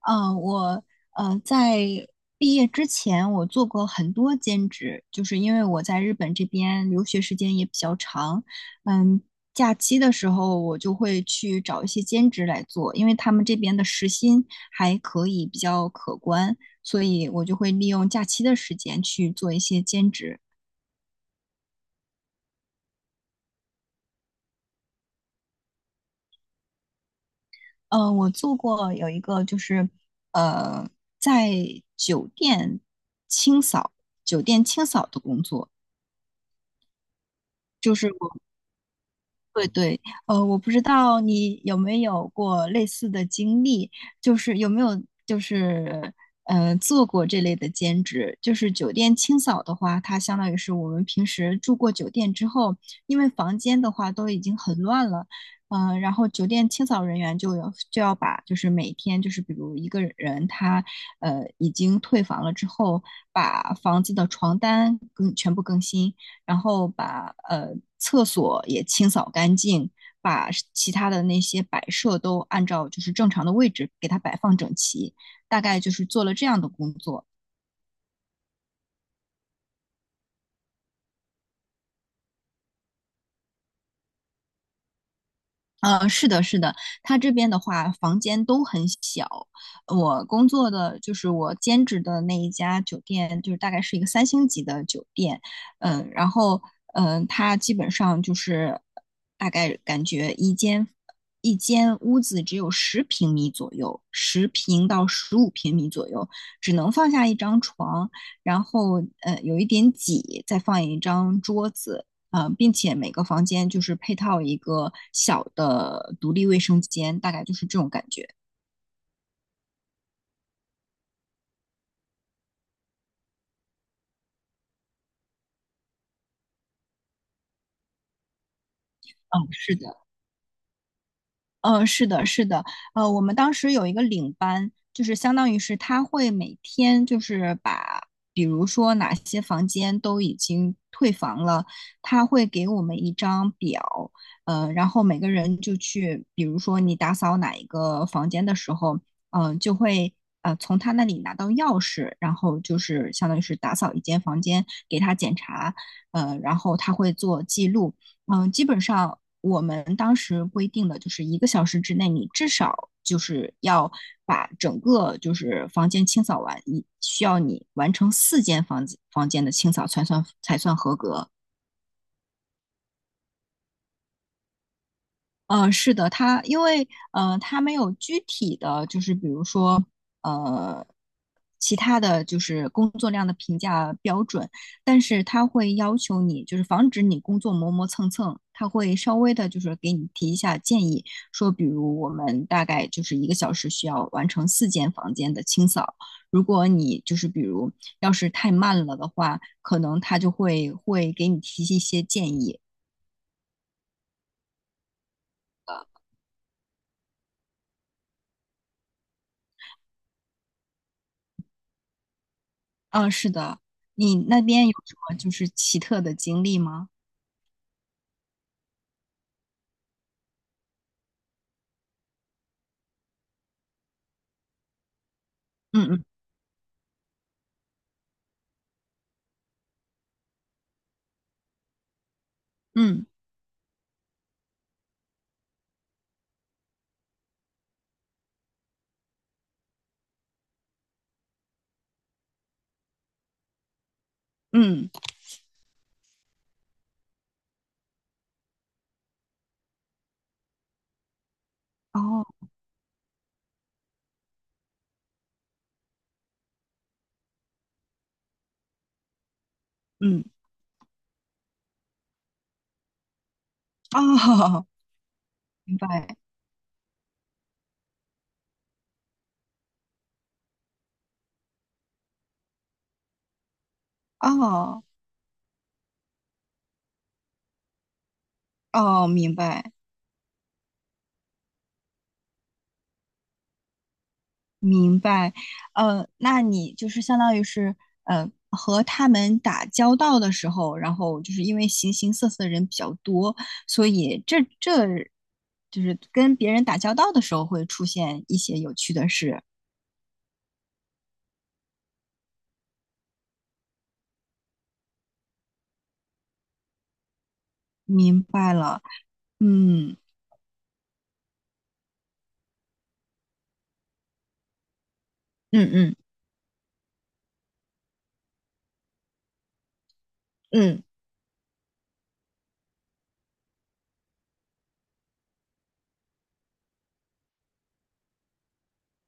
嗯，我在毕业之前，我做过很多兼职，就是因为我在日本这边留学时间也比较长。嗯，假期的时候我就会去找一些兼职来做，因为他们这边的时薪还可以比较可观，所以我就会利用假期的时间去做一些兼职。嗯，我做过有一个就是呃在酒店清扫，酒店清扫的工作。就是我。对对，我不知道你有没有过类似的经历，就是有没有就是做过这类的兼职，就是酒店清扫的话，它相当于是我们平时住过酒店之后，因为房间的话都已经很乱了。然后酒店清扫人员就要把就是每天就是比如一个人他已经退房了之后，把房子的床单更全部更新。然后把厕所也清扫干净，把其他的那些摆设都按照就是正常的位置给它摆放整齐，大概就是做了这样的工作。是的，是的，他这边的话，房间都很小。我工作的就是我兼职的那一家酒店，就是大概是一个三星级的酒店。然后它基本上就是大概感觉一间屋子只有10平米左右，10平到15平米左右，只能放下一张床，然后有一点挤，再放一张桌子。并且每个房间就是配套一个小的独立卫生间，大概就是这种感觉。嗯，是的，嗯，是的，是的。我们当时有一个领班，就是相当于是他会每天就是把，比如说哪些房间都已经退房了，他会给我们一张表。然后每个人就去，比如说你打扫哪一个房间的时候，就会从他那里拿到钥匙，然后就是相当于是打扫一间房间给他检查。然后他会做记录。嗯，基本上我们当时规定的就是一个小时之内，你至少就是要把整个就是房间清扫完，你需要你完成四间房间的清扫才算合格。是的，他因为他没有具体的就是比如说呃，其他的就是工作量的评价标准，但是他会要求你就是防止你工作磨磨蹭蹭，他会稍微的就是给你提一下建议，说比如我们大概就是一个小时需要完成四间房间的清扫，如果你就是比如要是太慢了的话，可能他就会给你提一些建议。嗯，是的，你那边有什么就是奇特的经历吗？嗯嗯嗯嗯，哦，嗯哦，明白，哦哦，明白明白。那你就是相当于是和他们打交道的时候，然后就是因为形形色色的人比较多，所以这就是跟别人打交道的时候会出现一些有趣的事。明白了，嗯嗯嗯嗯，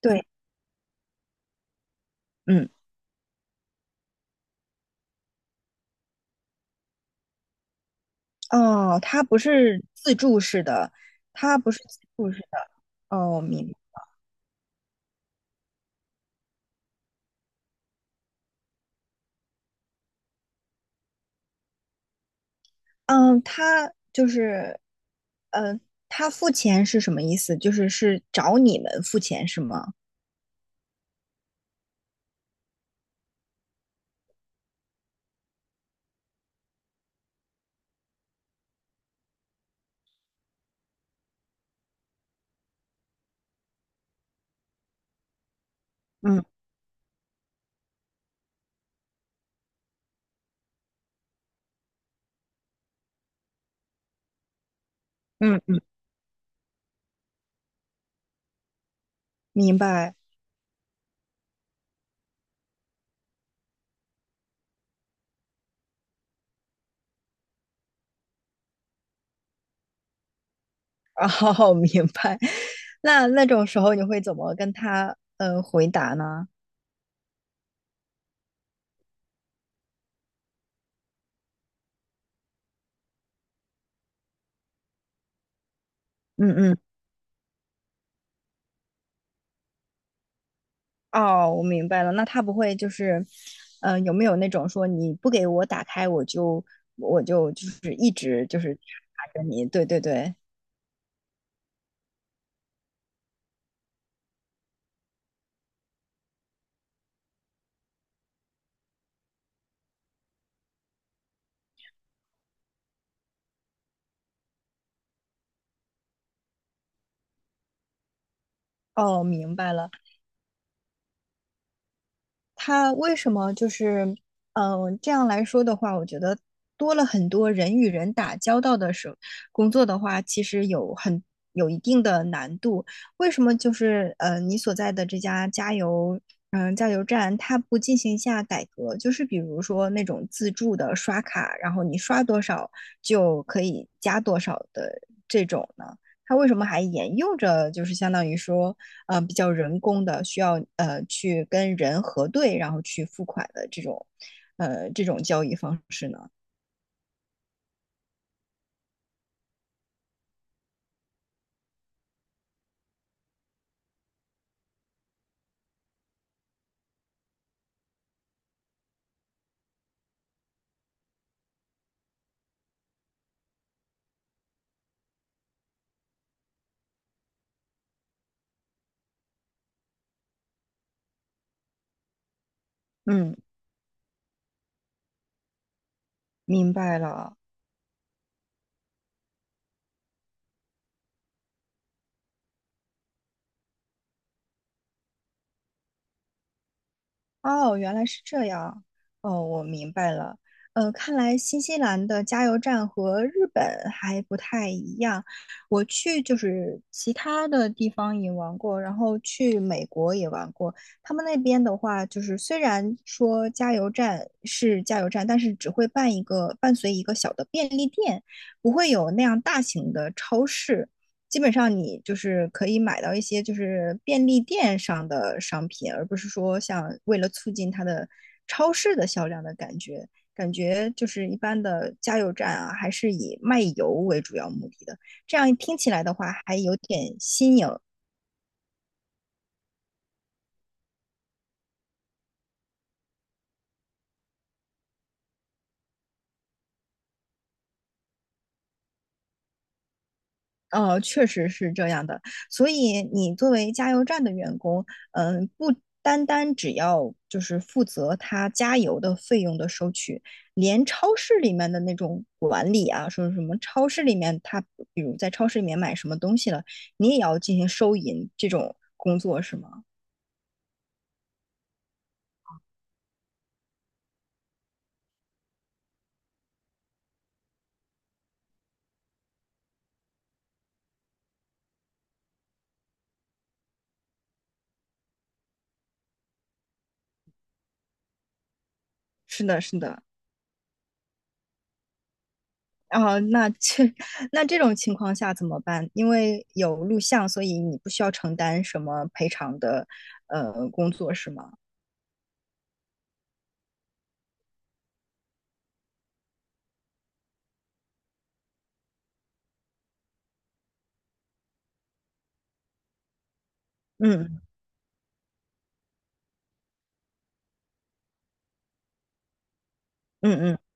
对，嗯。哦，他不是自助式的，他不是自助式的。哦，我明白。嗯，他就是，呃，他付钱是什么意思？就是是找你们付钱是吗？嗯嗯，嗯明白。哦，明白。那那种时候你会怎么跟他回答呢？嗯嗯，哦，我明白了。那他不会就是，有没有那种说你不给我打开，我就我就就是一直查着你？对对对。哦，明白了。他为什么就是，这样来说的话，我觉得多了很多人与人打交道的时候，工作的话，其实有一定的难度。为什么就是你所在的这家加油，加油站，它不进行一下改革？就是比如说那种自助的刷卡，然后你刷多少就可以加多少的这种呢？它为什么还沿用着就是相当于说？比较人工的，需要去跟人核对，然后去付款的这种，这种交易方式呢？嗯，明白了。哦，原来是这样。哦，我明白了。看来新西兰的加油站和日本还不太一样。我去就是其他的地方也玩过，然后去美国也玩过。他们那边的话，就是虽然说加油站是加油站，但是只会办一个伴随一个小的便利店，不会有那样大型的超市。基本上你就是可以买到一些就是便利店上的商品，而不是说像为了促进它的超市的销量的感觉。感觉就是一般的加油站啊，还是以卖油为主要目的的。这样听起来的话，还有点新颖。确实是这样的。所以你作为加油站的员工，嗯，不单单只要就是负责他加油的费用的收取，连超市里面的那种管理啊，说什么超市里面他比如在超市里面买什么东西了，你也要进行收银这种工作是吗？是的，是的。啊，那这 那这种情况下怎么办？因为有录像，所以你不需要承担什么赔偿的工作是吗？嗯嗯嗯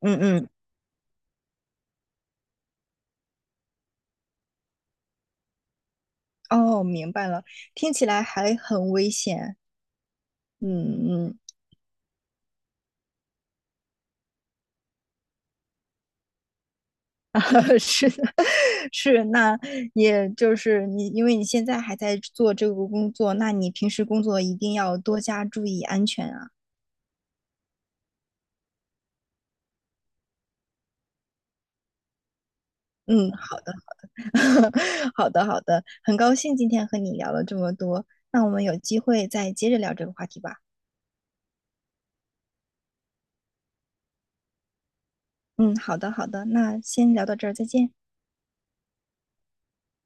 嗯嗯，哦，明白了，听起来还很危险。嗯嗯，啊，是的，是，那也就是你，因为你现在还在做这个工作，那你平时工作一定要多加注意安全啊。嗯，好的好的，很高兴今天和你聊了这么多，那我们有机会再接着聊这个话题吧。嗯，好的好的，那先聊到这儿，再见。